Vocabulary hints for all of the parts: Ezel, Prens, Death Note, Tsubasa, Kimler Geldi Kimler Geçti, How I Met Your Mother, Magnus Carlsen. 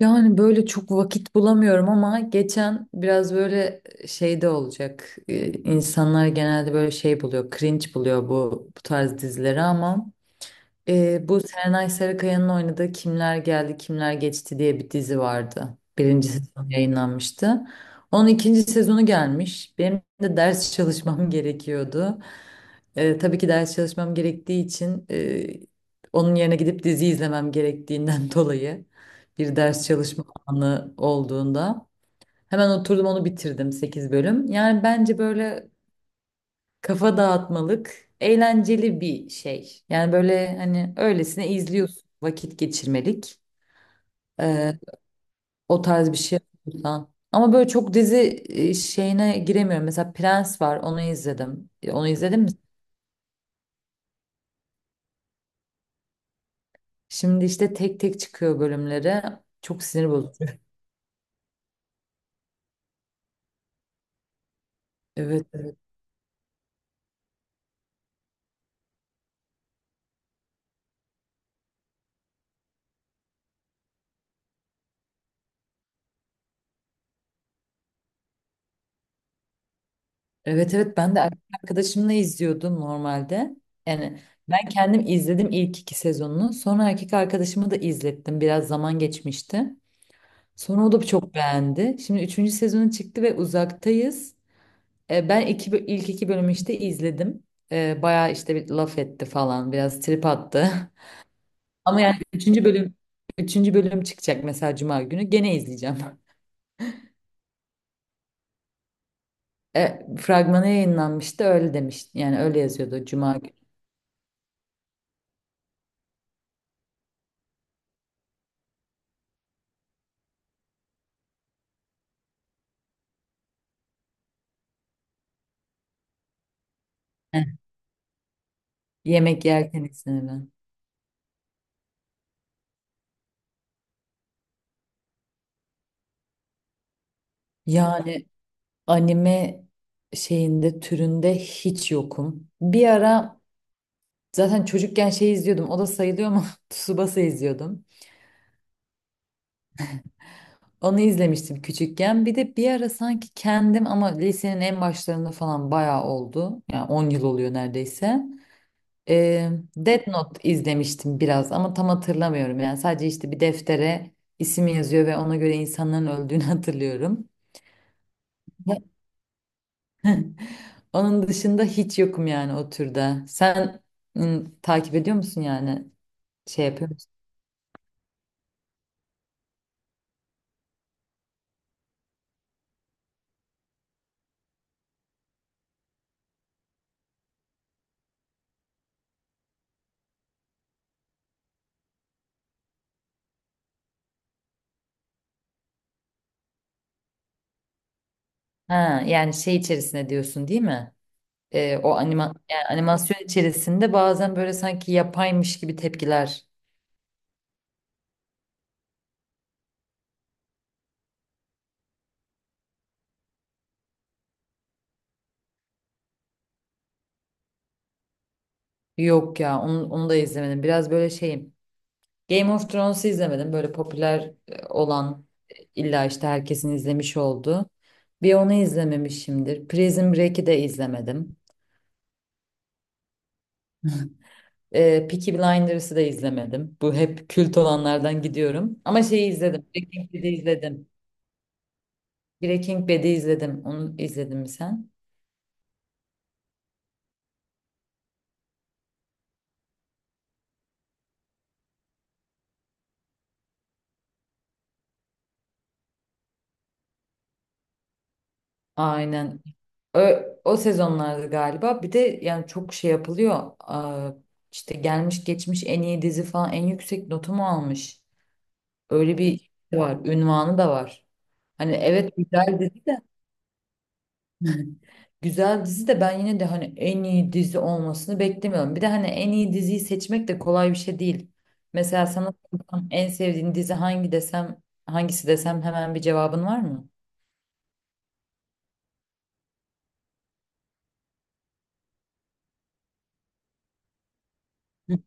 Yani böyle çok vakit bulamıyorum ama geçen biraz böyle şeyde olacak. İnsanlar genelde böyle şey buluyor, cringe buluyor bu tarz dizileri ama bu Serenay Sarıkaya'nın oynadığı Kimler Geldi Kimler Geçti diye bir dizi vardı. Birinci sezon yayınlanmıştı. Onun ikinci sezonu gelmiş. Benim de ders çalışmam gerekiyordu. Tabii ki ders çalışmam gerektiği için onun yerine gidip dizi izlemem gerektiğinden dolayı bir ders çalışma anı olduğunda hemen oturdum onu bitirdim 8 bölüm. Yani bence böyle kafa dağıtmalık, eğlenceli bir şey. Yani böyle hani öylesine izliyorsun, vakit geçirmelik. Ee, o tarz bir şey yapıyorsan. Ama böyle çok dizi şeyine giremiyorum. Mesela Prens var, onu izledim. Onu izledin mi? Şimdi işte tek tek çıkıyor bölümleri. Çok sinir bozucu. Evet, evet. Evet, evet. Ben de erkek arkadaşımla izliyordum normalde. Yani ben kendim izledim ilk iki sezonunu. Sonra erkek arkadaşımı da izlettim. Biraz zaman geçmişti. Sonra o da çok beğendi. Şimdi üçüncü sezonu çıktı ve uzaktayız. Ben ilk iki bölümü işte izledim. Bayağı işte bir laf etti falan. Biraz trip attı. Ama yani üçüncü bölüm çıkacak mesela Cuma günü. Gene izleyeceğim. Fragmanı yayınlanmıştı öyle demiş. Yani öyle yazıyordu Cuma günü. Heh. Yemek yerken izlenilen. Yani anime şeyinde türünde hiç yokum. Bir ara zaten çocukken şey izliyordum. O da sayılıyor ama Tsubasa izliyordum. Onu izlemiştim küçükken. Bir de bir ara sanki kendim ama lisenin en başlarında falan bayağı oldu. Yani 10 yıl oluyor neredeyse. Ee, Death Note izlemiştim biraz ama tam hatırlamıyorum. Yani sadece işte bir deftere isim yazıyor ve ona göre insanların öldüğünü hatırlıyorum. Onun dışında hiç yokum yani o türde. Sen takip ediyor musun yani? Şey yapıyor musun? Ha, yani şey içerisine diyorsun değil mi? O anima yani animasyon içerisinde bazen böyle sanki yapaymış gibi tepkiler. Yok ya onu da izlemedim. Biraz böyle şeyim. Game of Thrones'u izlemedim. Böyle popüler olan illa işte herkesin izlemiş olduğu. Bir onu izlememişimdir. Prison Break'i de izlemedim. Peaky Blinders'ı da izlemedim. Bu hep kült olanlardan gidiyorum. Ama şeyi izledim. Breaking Bad'i izledim. Breaking Bad'i izledim. Onu izledin mi sen? Aynen. O, sezonlarda galiba. Bir de yani çok şey yapılıyor. Aa, işte gelmiş geçmiş en iyi dizi falan en yüksek notu mu almış? Öyle bir şey var. Ünvanı da var. Hani evet güzel dizi de. Güzel dizi de ben yine de hani en iyi dizi olmasını beklemiyorum. Bir de hani en iyi diziyi seçmek de kolay bir şey değil. Mesela sana sorsam en sevdiğin dizi hangi desem, hangisi desem hemen bir cevabın var mı? Hı.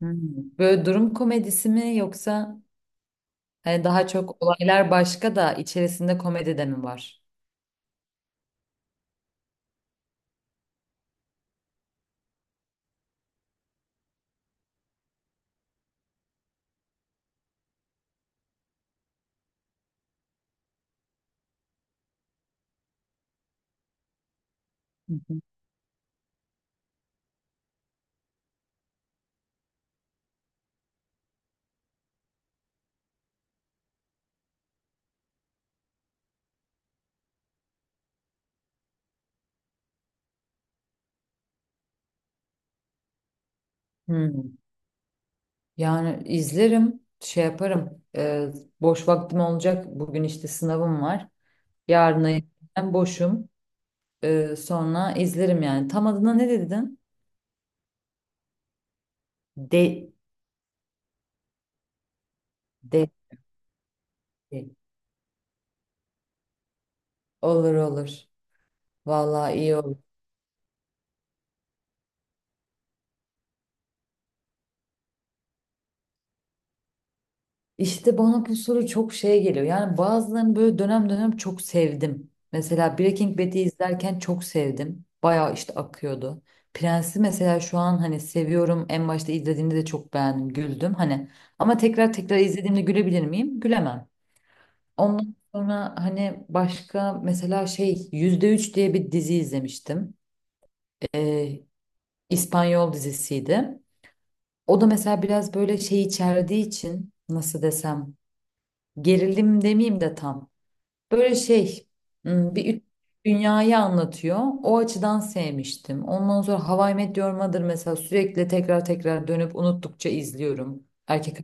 Hmm. Böyle durum komedisi mi yoksa hani daha çok olaylar başka da içerisinde komedi de mi var? Hı hı. Hmm. Yani izlerim, şey yaparım. Boş vaktim olacak. Bugün işte sınavım var. Yarına ben boşum. Sonra izlerim yani. Tam adına ne dedin? De, De. De. Olur olur. Vallahi iyi olur. İşte bana bu soru çok şey geliyor. Yani bazılarını böyle dönem dönem çok sevdim. Mesela Breaking Bad'i izlerken çok sevdim. Bayağı işte akıyordu. Prens'i mesela şu an hani seviyorum. En başta izlediğimde de çok beğendim, güldüm. Hani ama tekrar tekrar izlediğimde gülebilir miyim? Gülemem. Ondan sonra hani başka mesela şey %3 diye bir dizi izlemiştim. Ee, İspanyol dizisiydi. O da mesela biraz böyle şey içerdiği için nasıl desem gerilim demeyeyim de tam. Böyle şey bir üç dünyayı anlatıyor. O açıdan sevmiştim. Ondan sonra How I Met Your Mother mesela sürekli tekrar tekrar dönüp unuttukça izliyorum. Erkek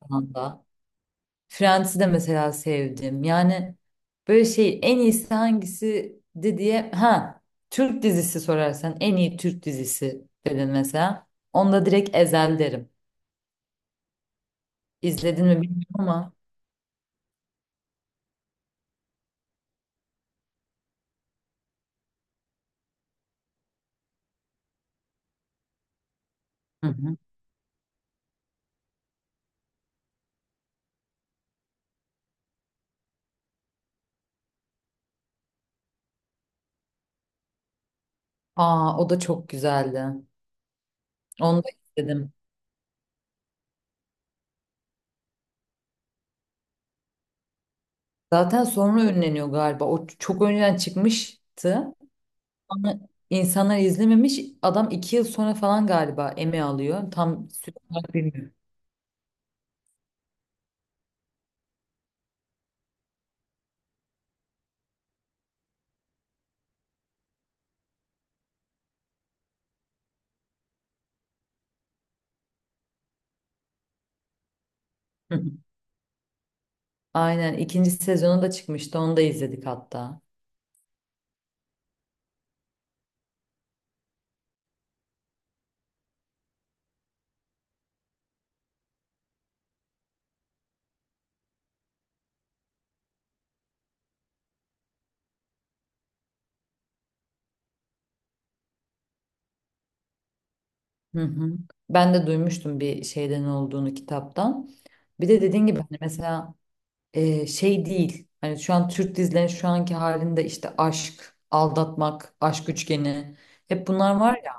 Arkadaşlar'dan da. Friends'i de mesela sevdim. Yani böyle şey en iyisi hangisi de diye ha Türk dizisi sorarsan en iyi Türk dizisi dedin mesela. Onda direkt Ezel derim. İzledin mi bilmiyorum ama. Hı hı. Aa, o da çok güzeldi. Onu da izledim. Zaten sonra ünleniyor galiba. O çok önceden çıkmıştı. Ama insanlar izlememiş. Adam 2 yıl sonra falan galiba Emmy alıyor. Tam süre olarak bilmiyorum. Aynen ikinci sezonu da çıkmıştı. Onu da izledik hatta. Hı hı. Ben de duymuştum bir şeyden olduğunu kitaptan. Bir de dediğin gibi hani mesela şey değil. Hani şu an Türk dizilerinin şu anki halinde işte aşk, aldatmak, aşk üçgeni hep bunlar var ya.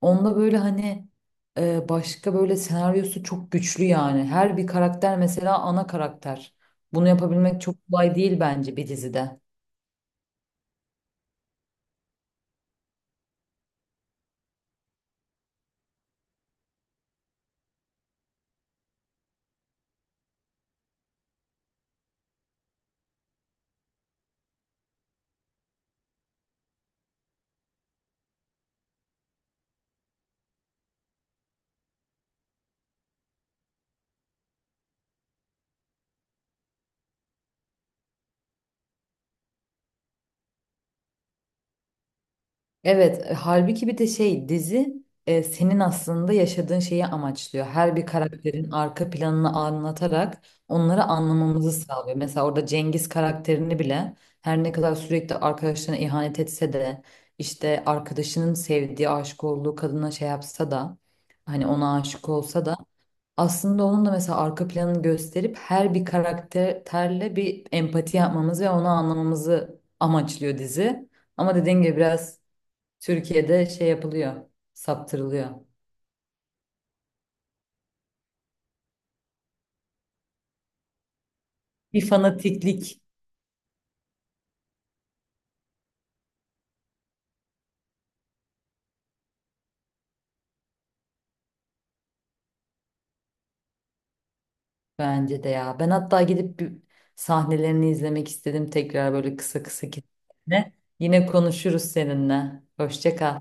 Onda böyle hani başka böyle senaryosu çok güçlü yani. Her bir karakter mesela ana karakter. Bunu yapabilmek çok kolay değil bence bir dizide. Evet, halbuki bir de şey dizi senin aslında yaşadığın şeyi amaçlıyor. Her bir karakterin arka planını anlatarak onları anlamamızı sağlıyor. Mesela orada Cengiz karakterini bile her ne kadar sürekli arkadaşlarına ihanet etse de işte arkadaşının sevdiği, aşık olduğu kadına şey yapsa da hani ona aşık olsa da aslında onun da mesela arka planını gösterip her bir karakterle bir empati yapmamız ve onu anlamamızı amaçlıyor dizi. Ama dediğin gibi biraz Türkiye'de şey yapılıyor, saptırılıyor. Bir fanatiklik bence de ya. Ben hatta gidip bir sahnelerini izlemek istedim tekrar böyle kısa kısa kesitlerini. Yine konuşuruz seninle. Hoşça kal.